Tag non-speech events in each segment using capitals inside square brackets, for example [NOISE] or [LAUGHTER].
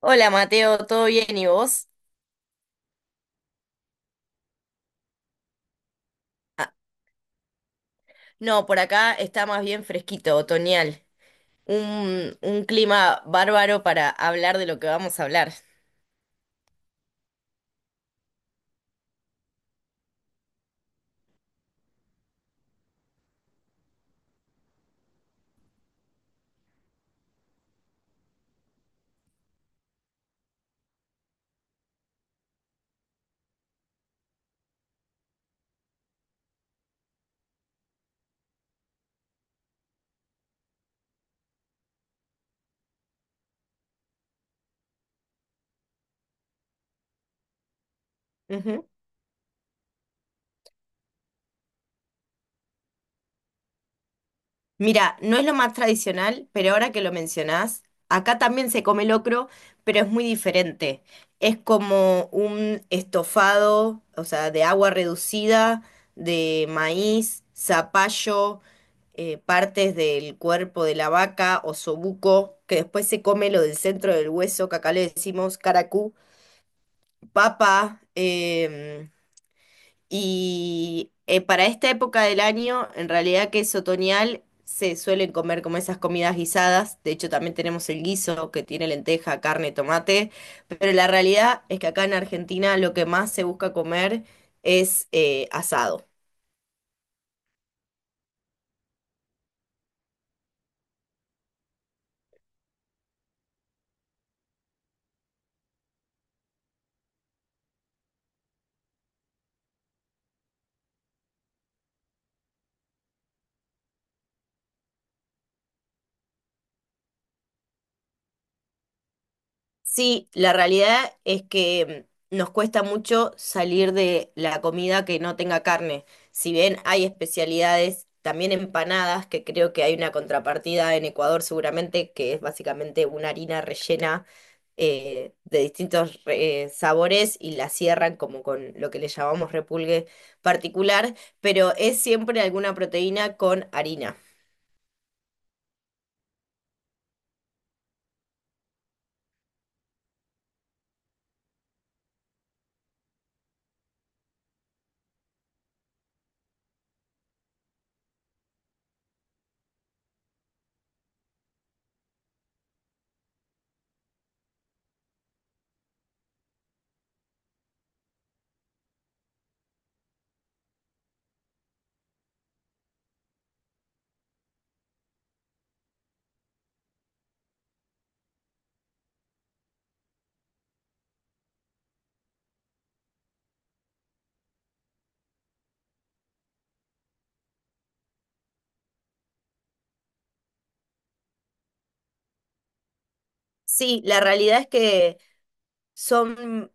Hola Mateo, ¿todo bien y vos? Ah, no, por acá está más bien fresquito, otoñal. Un clima bárbaro para hablar de lo que vamos a hablar. Mira, no es lo más tradicional, pero ahora que lo mencionás, acá también se come locro, pero es muy diferente. Es como un estofado, o sea, de agua reducida, de maíz, zapallo, partes del cuerpo de la vaca, osobuco, que después se come lo del centro del hueso, que acá le decimos caracú, papa, y para esta época del año, en realidad que es otoñal, se suelen comer como esas comidas guisadas. De hecho, también tenemos el guiso que tiene lenteja, carne, tomate. Pero la realidad es que acá en Argentina lo que más se busca comer es asado. Sí, la realidad es que nos cuesta mucho salir de la comida que no tenga carne. Si bien hay especialidades, también empanadas, que creo que hay una contrapartida en Ecuador seguramente, que es básicamente una harina rellena de distintos sabores y la cierran como con lo que le llamamos repulgue particular, pero es siempre alguna proteína con harina. Sí, la realidad es que son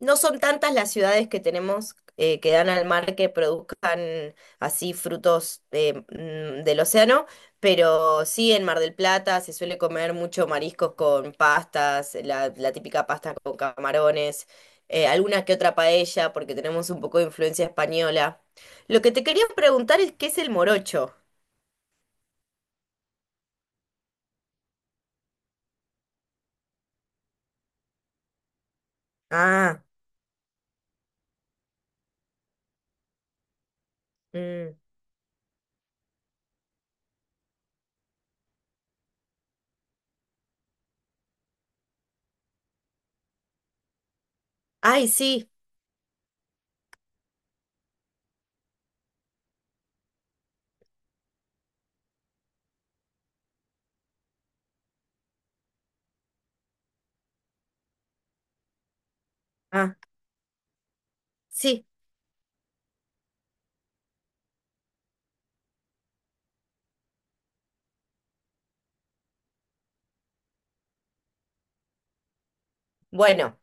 no son tantas las ciudades que tenemos que dan al mar que produzcan así frutos del océano, pero sí en Mar del Plata se suele comer mucho mariscos con pastas, la típica pasta con camarones, alguna que otra paella, porque tenemos un poco de influencia española. Lo que te quería preguntar es qué es el morocho. Ah, mm, ay, sí, ah, sí. Bueno.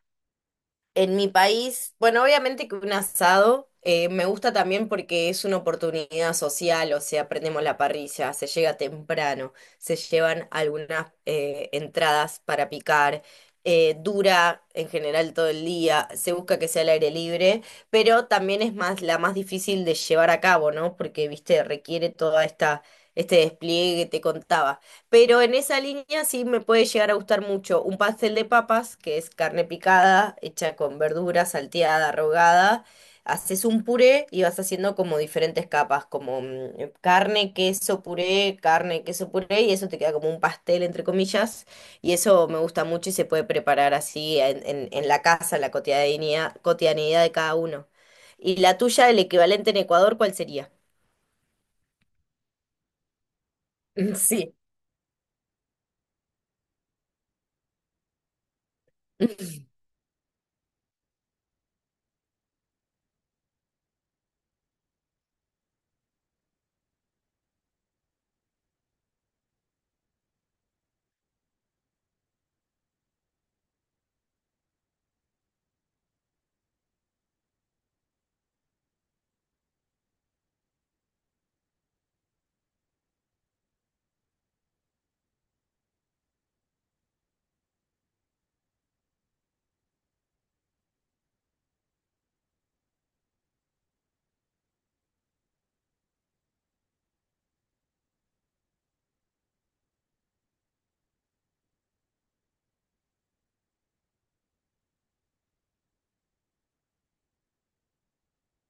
En mi país, bueno, obviamente que un asado me gusta también porque es una oportunidad social, o sea, prendemos la parrilla, se llega temprano, se llevan algunas entradas para picar, dura en general todo el día, se busca que sea al aire libre, pero también es más difícil de llevar a cabo, ¿no? Porque, viste, requiere toda esta este despliegue que te contaba. Pero en esa línea sí me puede llegar a gustar mucho un pastel de papas, que es carne picada, hecha con verdura, salteada, rogada. Haces un puré y vas haciendo como diferentes capas, como carne, queso, puré, y eso te queda como un pastel, entre comillas. Y eso me gusta mucho y se puede preparar así en la casa, en la cotidianidad, cotidianidad de cada uno. ¿Y la tuya, el equivalente en Ecuador, cuál sería? [LAUGHS]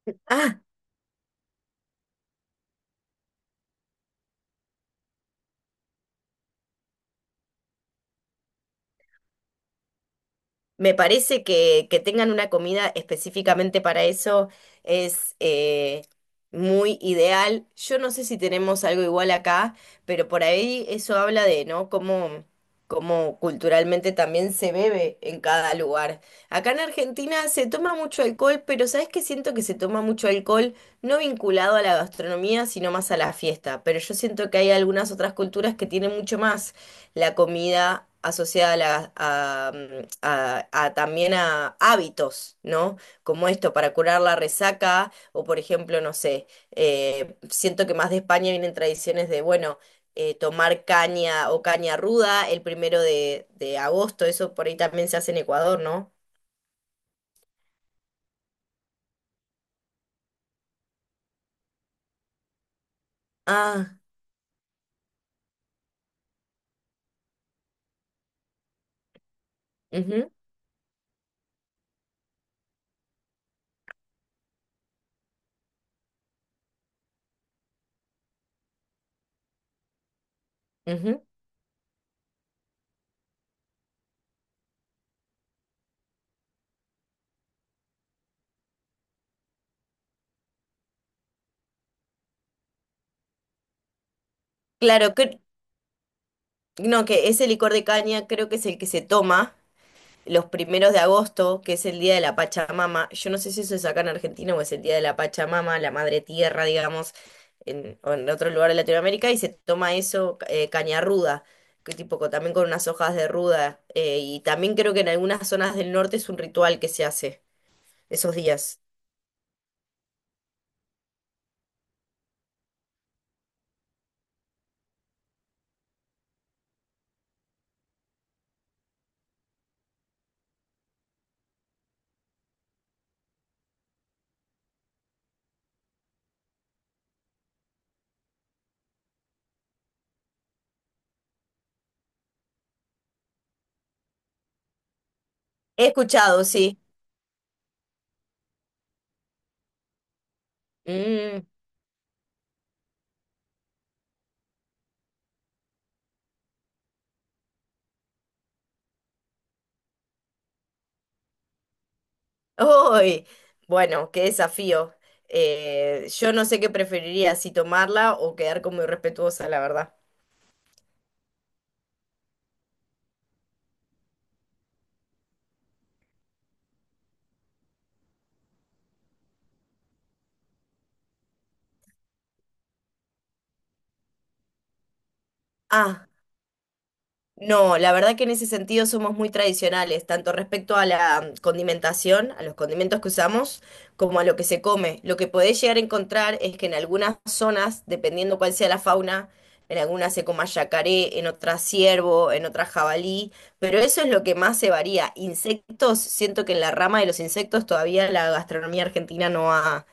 Sí. Me parece que tengan una comida específicamente para eso es muy ideal. Yo no sé si tenemos algo igual acá, pero por ahí eso habla de, ¿no? Cómo, cómo culturalmente también se bebe en cada lugar. Acá en Argentina se toma mucho alcohol, pero ¿sabes qué? Siento que se toma mucho alcohol no vinculado a la gastronomía, sino más a la fiesta. Pero yo siento que hay algunas otras culturas que tienen mucho más la comida asociada a, a también a hábitos, ¿no? Como esto, para curar la resaca, o por ejemplo, no sé, siento que más de España vienen tradiciones de, bueno, tomar caña o caña ruda el primero de agosto, eso por ahí también se hace en Ecuador, ¿no? Ah, ujú, ujú. Claro, que, no, que ese licor de caña creo que es el que se toma los primeros de agosto, que es el Día de la Pachamama. Yo no sé si eso es acá en Argentina o es el Día de la Pachamama, la Madre Tierra, digamos, en, o en otro lugar de Latinoamérica, y se toma eso, caña ruda, que tipo también con unas hojas de ruda. Y también creo que en algunas zonas del norte es un ritual que se hace esos días. He escuchado, sí. Mm, ¡uy! Bueno, qué desafío. Yo no sé qué preferiría, si tomarla o quedar como irrespetuosa, la verdad. Ah. No, la verdad que en ese sentido somos muy tradicionales, tanto respecto a la condimentación, a los condimentos que usamos, como a lo que se come. Lo que podés llegar a encontrar es que en algunas zonas, dependiendo cuál sea la fauna, en algunas se coma yacaré, en otras ciervo, en otras jabalí, pero eso es lo que más se varía. Insectos, siento que en la rama de los insectos todavía la gastronomía argentina no ha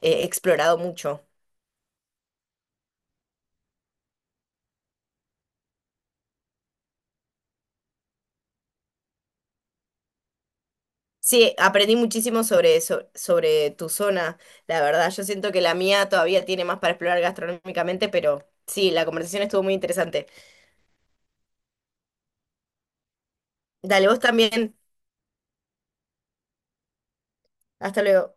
explorado mucho. Sí, aprendí muchísimo sobre eso, sobre tu zona, la verdad. Yo siento que la mía todavía tiene más para explorar gastronómicamente, pero sí, la conversación estuvo muy interesante. Dale, vos también. Hasta luego.